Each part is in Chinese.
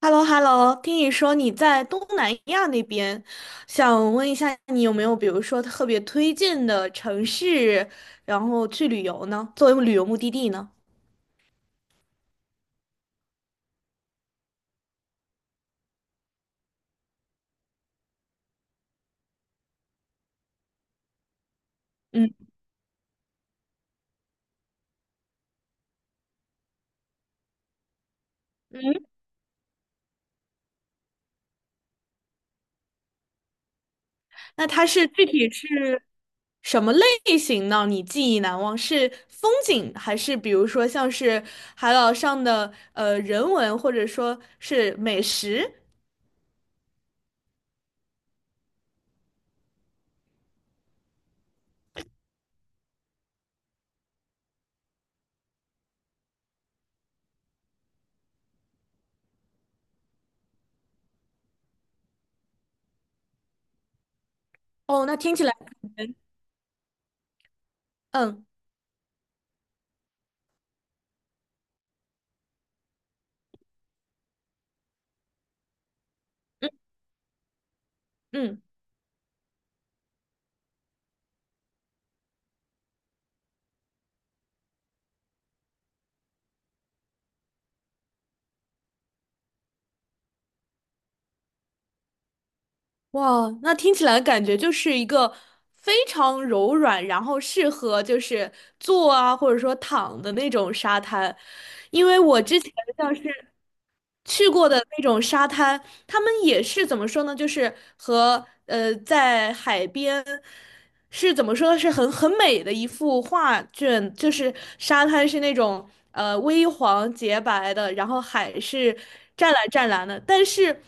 h e l l o h e l l o 听你说你在东南亚那边，想问一下你有没有比如说特别推荐的城市，然后去旅游呢？作为旅游目的地呢？嗯嗯。那它是具体是什么类型呢？你记忆难忘是风景，还是比如说像是海岛上的人文，或者说是美食？哦，那听起来可能嗯嗯嗯。哇，那听起来感觉就是一个非常柔软，然后适合就是坐啊，或者说躺的那种沙滩。因为我之前像是去过的那种沙滩，他们也是怎么说呢？就是和在海边是怎么说？是很美的一幅画卷，就是沙滩是那种微黄洁白的，然后海是湛蓝湛蓝的，但是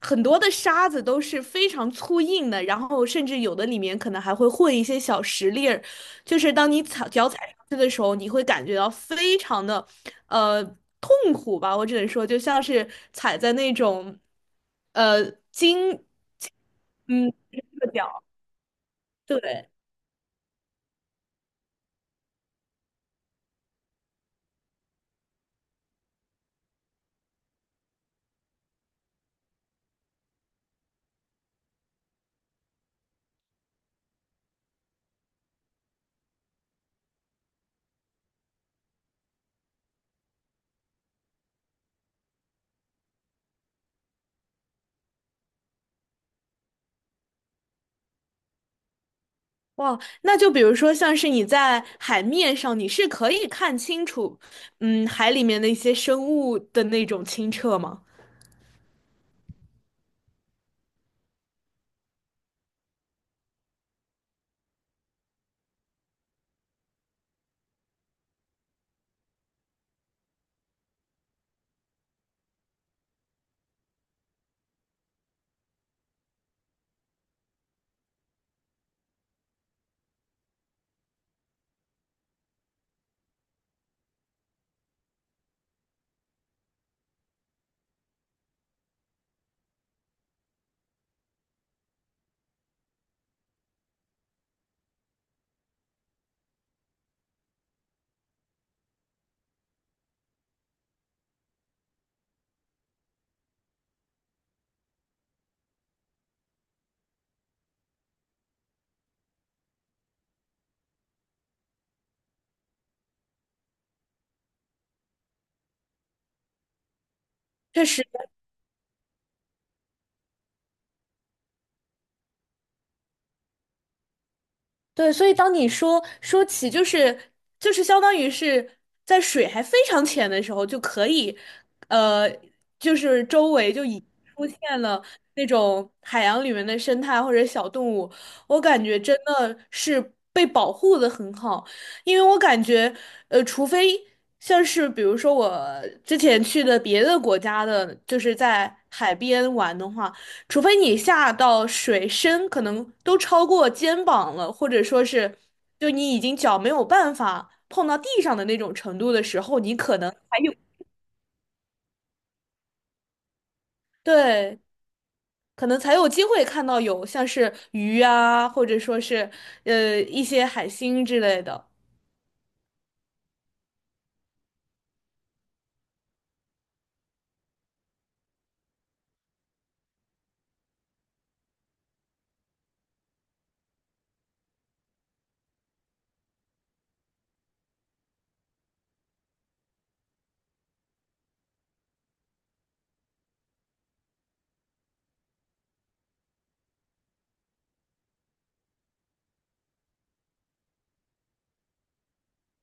很多的沙子都是非常粗硬的，然后甚至有的里面可能还会混一些小石粒儿，就是当你脚踩上去的时候，你会感觉到非常的呃痛苦吧，我只能说，就像是踩在那种呃金嗯这个脚，对。哇，那就比如说，像是你在海面上，你是可以看清楚，海里面的一些生物的那种清澈吗？确实。对，所以当你说起，就是相当于是在水还非常浅的时候，就可以，呃，就是周围就已出现了那种海洋里面的生态或者小动物，我感觉真的是被保护的很好。因为我感觉，除非像是比如说我之前去的别的国家的，就是在海边玩的话。除非你下到水深可能都超过肩膀了，或者说是就你已经脚没有办法碰到地上的那种程度的时候，你可能还有，对，可能才有机会看到有像是鱼啊，或者说是一些海星之类的。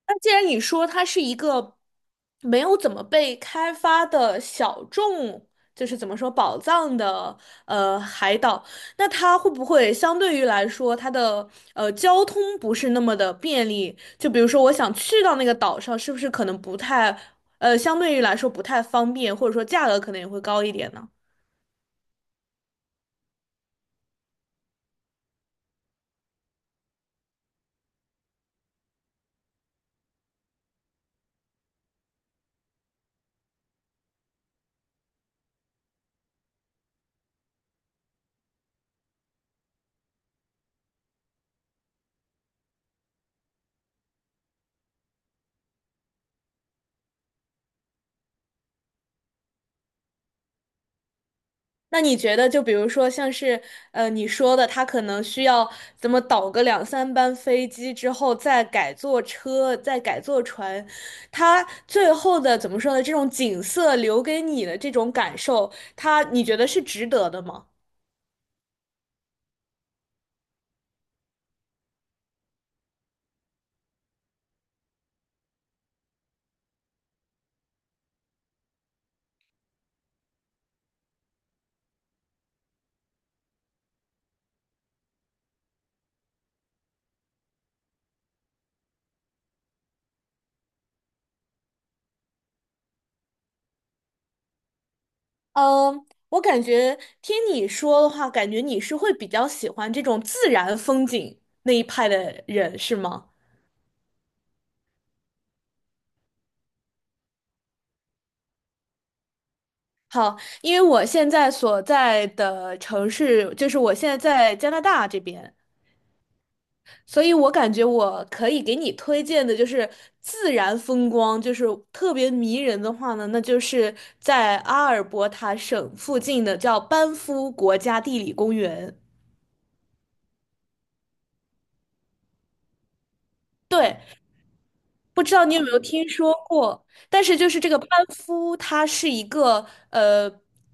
那既然你说它是一个没有怎么被开发的小众，就是怎么说宝藏的海岛，那它会不会相对于来说，它的交通不是那么的便利？就比如说我想去到那个岛上，是不是可能不太相对于来说不太方便，或者说价格可能也会高一点呢？那你觉得，就比如说像是你说的，他可能需要怎么倒个两三班飞机之后，再改坐车，再改坐船，他最后的怎么说呢？这种景色留给你的这种感受，他你觉得是值得的吗？嗯，我感觉听你说的话，感觉你是会比较喜欢这种自然风景那一派的人，是吗？好，因为我现在所在的城市，就是我现在在加拿大这边。所以我感觉我可以给你推荐的就是自然风光，就是特别迷人的话呢，那就是在阿尔伯塔省附近的叫班夫国家地理公园。对，不知道你有没有听说过，但是就是这个班夫，它是一个呃，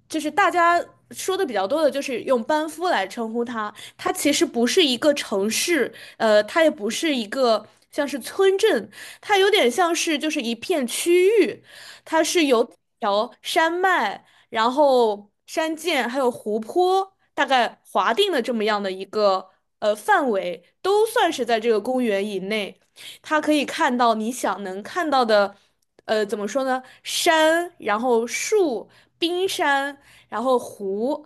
就是大家说的比较多的，就是用班夫来称呼它。它其实不是一个城市，它也不是一个像是村镇，它有点像是就是一片区域，它是由几条山脉，然后山涧还有湖泊大概划定的这么样的一个范围，都算是在这个公园以内。它可以看到你想能看到的，怎么说呢？山，然后树、冰山，然后湖，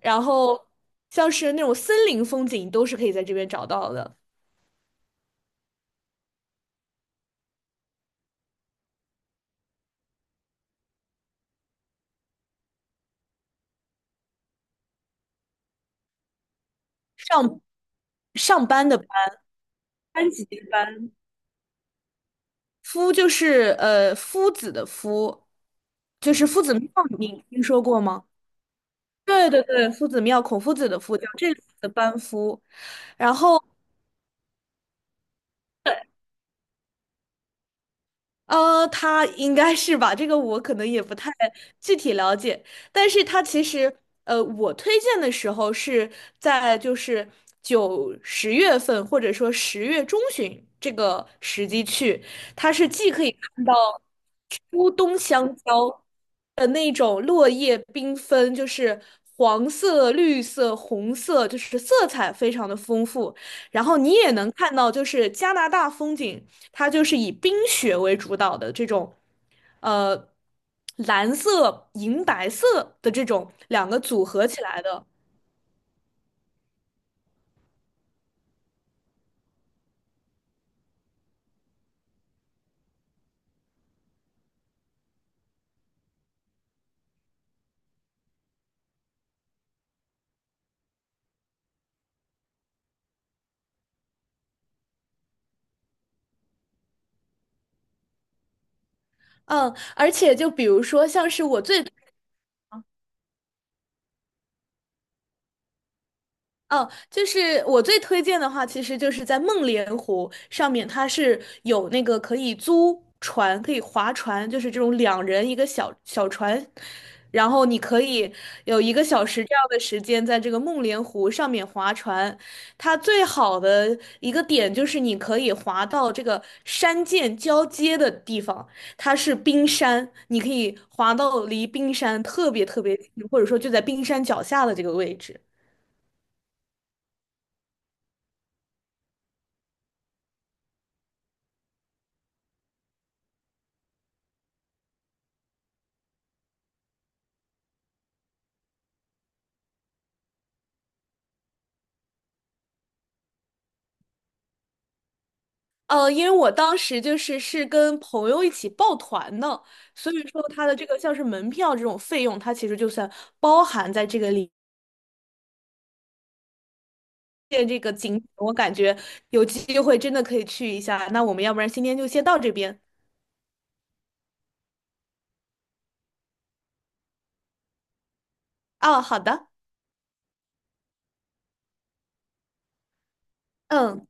然后像是那种森林风景都是可以在这边找到的。上上班的班，班级的班，夫就是夫子的夫，就是夫子庙，你听说过吗？对对对，夫子庙，孔夫子的夫叫这个的班夫，然后。他应该是吧，这个我可能也不太具体了解，但是他其实，我推荐的时候是在就是九十月份或者说10月中旬这个时机去，它是既可以看到初冬香蕉的那种落叶缤纷，就是黄色、绿色、红色，就是色彩非常的丰富，然后你也能看到就是加拿大风景。它就是以冰雪为主导的这种，呃，蓝色、银白色的这种两个组合起来的。嗯，而且就比如说，像是我最哦，就是我最推荐的话，其实就是在梦莲湖上面，它是有那个可以租船，可以划船，就是这种两人一个小小船，然后你可以有1个小时这样的时间在这个梦莲湖上面划船。它最好的一个点就是你可以划到这个山涧交接的地方，它是冰山，你可以划到离冰山特别特别近，或者说就在冰山脚下的这个位置。因为我当时就是跟朋友一起抱团的，所以说它的这个像是门票这种费用，它其实就算包含在这个里面。这个景点，我感觉有机会真的可以去一下。那我们要不然今天就先到这边啊，好的，嗯。